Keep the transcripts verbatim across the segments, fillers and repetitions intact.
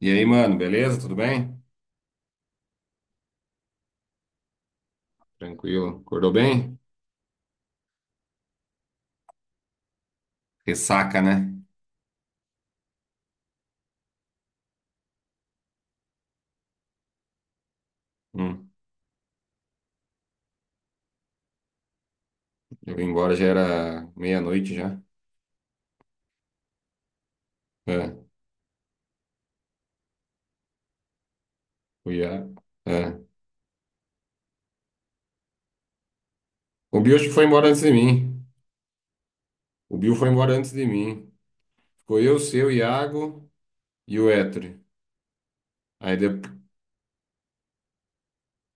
E aí, mano, beleza? Tudo bem? Tranquilo. Acordou bem? Ressaca, né? Hum. Eu vim embora, já era meia-noite já. É, fui a... é. O Bicho foi embora antes de mim. O Bill foi embora antes de mim. Ficou eu, seu, Iago e o Etri. Aí depois.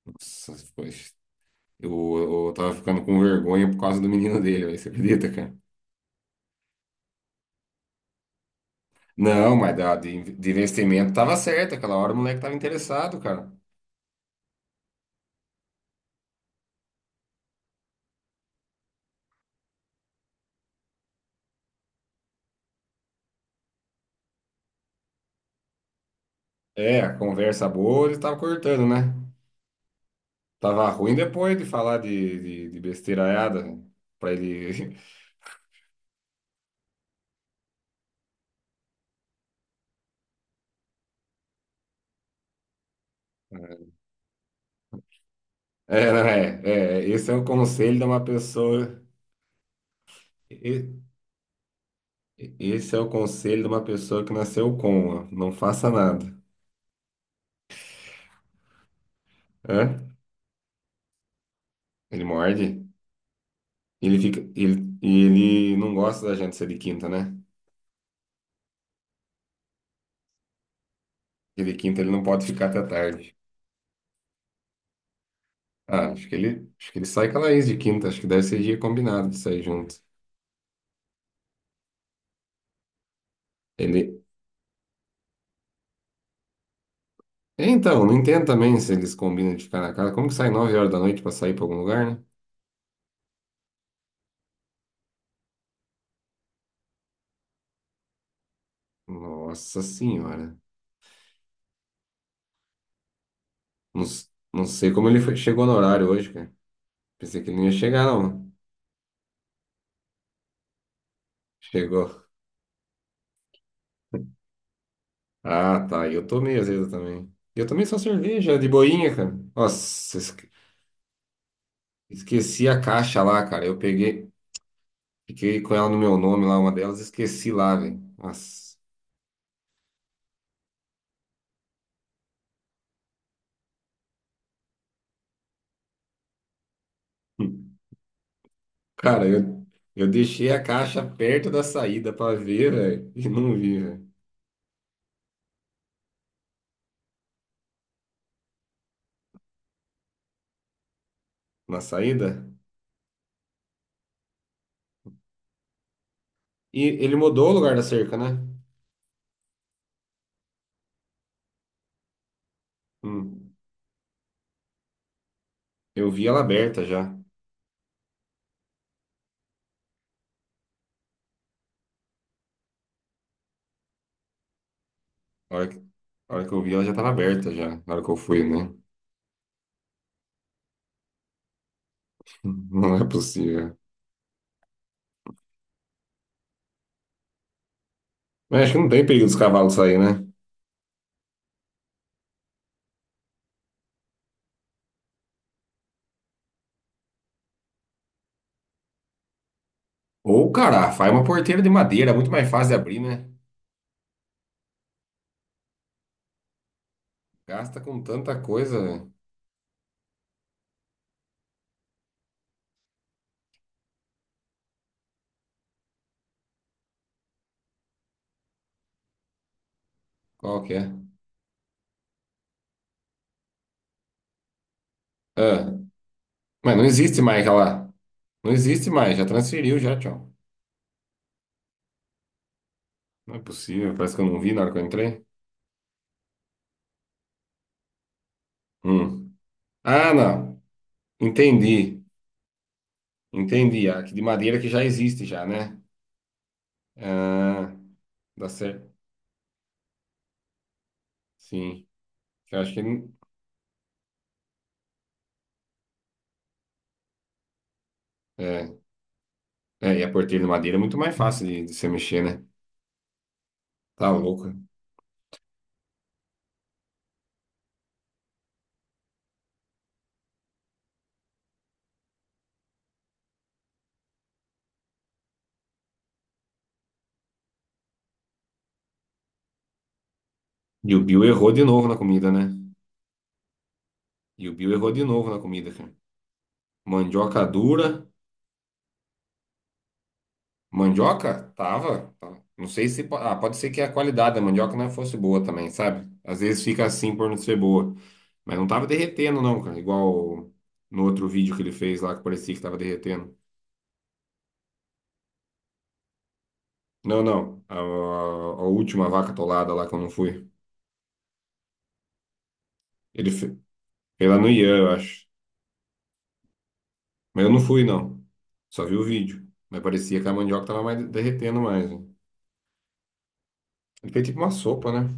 Nossa, depois- Eu, eu tava ficando com vergonha por causa do menino dele, velho. Você acredita, cara? Não, mas da, de, de investimento tava certo. Aquela hora o moleque tava interessado, cara. É, a conversa boa ele tava cortando, né? Tava ruim depois de falar de, de, de besteiraiada. Pra ele. É, não é, é. Esse é o conselho de uma pessoa. e- e- Esse é o conselho de uma pessoa que nasceu com, ó, não faça nada. Hã? Ele morde. Ele fica. Ele, e ele não gosta da gente ser de quinta, né? Porque de quinta ele não pode ficar até tarde. Ah, acho que ele, acho que ele sai com a Laís de quinta. Acho que deve ser dia combinado de sair junto. Ele. É, então, não entendo também se eles combinam de ficar na casa. Como que sai nove horas da noite para sair para algum lugar, né? Nossa senhora. Não, s- não sei como ele foi- chegou no horário hoje, cara. Pensei que ele não ia chegar, não. Chegou. Ah, tá. E eu tomei azedo também. E eu tomei só cerveja de boinha, cara. Nossa, esque- esqueci a caixa lá, cara. Eu peguei, fiquei com ela no meu nome lá, uma delas, esqueci lá, velho. Nossa. Cara, eu, eu deixei a caixa perto da saída pra ver, velho. E não vi, velho. Na saída. E ele mudou o lugar da cerca, né? Hum. Eu vi ela aberta já. A hora que, a hora que eu vi, ela já estava aberta já, na hora que eu fui, né? Não é possível. Mas acho que não tem perigo dos cavalos sair, né? Ou, cara, faz uma porteira de madeira, muito mais fácil de abrir, né? Gasta com tanta coisa, velho. Qual que é? Ah, mas não existe mais aquela. Não existe mais, já transferiu, já, tchau. Não é possível, parece que eu não vi na hora que eu entrei. Hum. Ah, não. Entendi. Entendi. A que de madeira que já existe já, né? Ah, dá certo. Sim. Eu acho que não. É. É, e a porteira de madeira é muito mais fácil de, de você mexer, né? Tá louco. E o Bill errou de novo na comida, né? E o Bill errou de novo na comida, cara. Mandioca dura. Mandioca? Tava. Tava. Não sei se. po- Ah, pode ser que a qualidade da mandioca não fosse boa também, sabe? Às vezes fica assim por não ser boa. Mas não tava derretendo, não, cara. Igual no outro vídeo que ele fez lá que parecia que tava derretendo. Não, não. A, a- a última vaca atolada lá que eu não fui. Ele fe... fez lá no Ian, eu acho. Mas eu não fui, não. Só vi o vídeo. Mas parecia que a mandioca tava mais derretendo mais, né? Ele fez tipo uma sopa, né?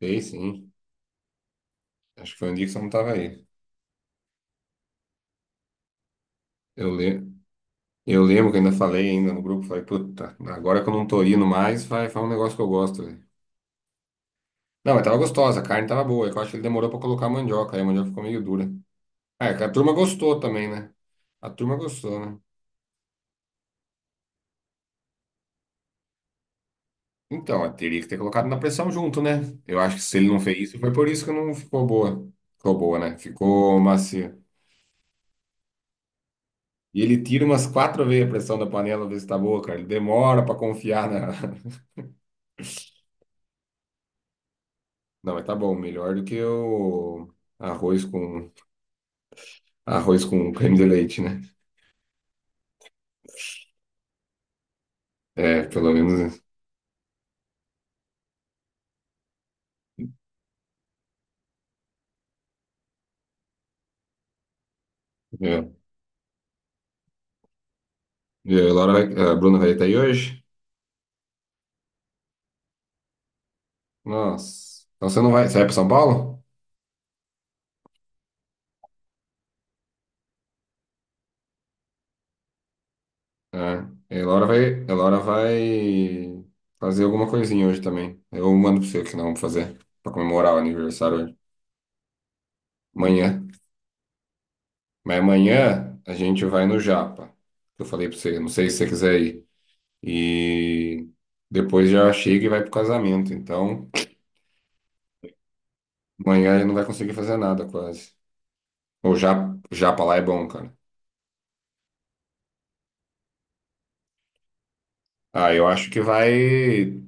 Fez, sim. Acho que foi um dia que você não tava aí. Eu, le... eu lembro que ainda falei ainda no grupo, falei, puta, agora que eu não tô indo mais, vai, faz um negócio que eu gosto, velho. Não, mas tava gostosa, a carne tava boa. É que eu acho que ele demorou pra colocar a mandioca, aí a mandioca ficou meio dura. É, que a turma gostou também, né? A turma gostou, né? Então, eu teria que ter colocado na pressão junto, né? Eu acho que se ele não fez isso, foi por isso que não ficou boa. Ficou boa, né? Ficou macia. E ele tira umas quatro vezes a pressão da panela, ver se tá boa, cara. Ele demora pra confiar na. Não, mas tá bom, melhor do que o arroz com arroz com creme de leite, né? É, pelo menos. É. E a Laura vai... a Bruna vai estar aí hoje? Nossa. Então você não vai. Você vai pra São Paulo? É. E a Laura vai. A Laura vai fazer alguma coisinha hoje também. Eu mando pra você o que não vamos fazer. Pra comemorar o aniversário hoje. Amanhã. Mas amanhã a gente vai no Japa. Eu falei pra você, não sei se você quiser ir. E depois já chega e vai pro casamento. Então, amanhã ele não vai conseguir fazer nada quase. Ou já, já pra lá é bom, cara. Ah, eu acho que vai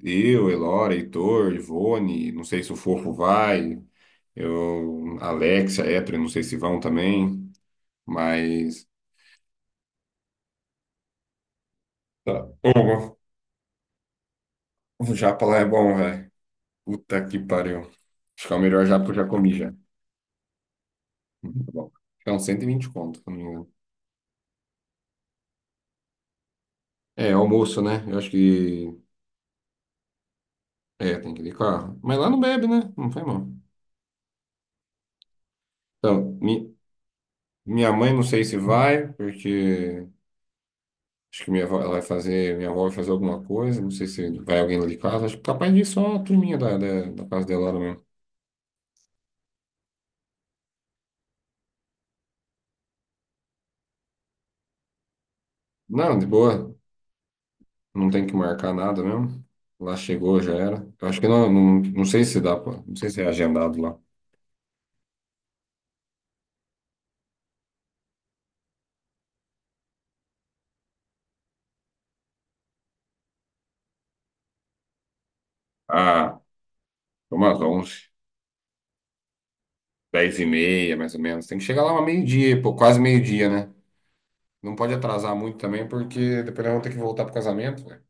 eu, Elora, Heitor, Ivone, não sei se o Fofo vai, eu, Alexia, Etri, não sei se vão também, mas. Tá. Ô, o japa lá é bom, velho. Puta que pariu. Acho que é o melhor japa que eu já comi já. Muito bom. Acho que é uns cento e vinte conto, se eu não me engano. É, almoço, né? Eu acho que é, tem que ir de carro. Mas lá não bebe, né? Não faz mal. Então, mi- minha mãe não sei se vai, porque acho que minha avó, ela vai fazer, minha avó vai fazer alguma coisa, não sei se vai alguém lá de casa, acho que capaz de ir só a turminha da, da, da casa dela lá mesmo. Não, de boa, não tem que marcar nada mesmo. Lá chegou, já era. Eu acho que não, não, não sei se dá, pra- não sei se é agendado lá. Ah, umas onze, dez e meia, mais ou menos. Tem que chegar lá uma meio-dia, pô, quase meio-dia, né? Não pode atrasar muito também, porque depois nós vamos ter que voltar pro casamento, né?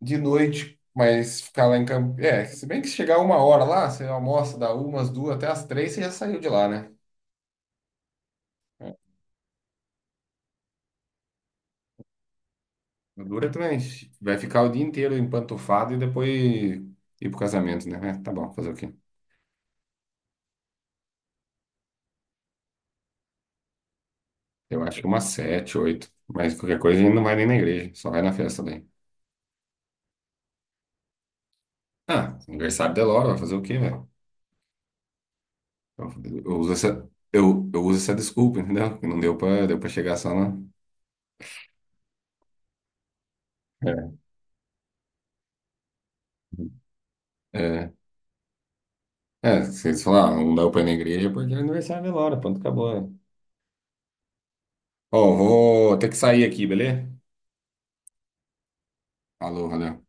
De noite, mas ficar lá em Campo. É, se bem que se chegar uma hora lá, você almoça, dá umas duas até as três, você já saiu de lá, né? É, o duro é também vai ficar o dia inteiro empantufado e depois ir pro casamento, né? É, tá bom, fazer o quê? Eu acho que umas sete, oito. Mas qualquer coisa a gente não vai nem na igreja, só vai na festa daí. Ah, aniversário da Laura, vai fazer o quê, velho? Eu, eu uso essa, eu, eu uso essa desculpa, entendeu? Que não deu pra, deu pra chegar só na. É, é, é, vocês falaram, não deu pra ir na igreja é porque é aniversário da Laura, pronto, acabou. É. Ó, vou ter que sair aqui, beleza? Falou, valeu.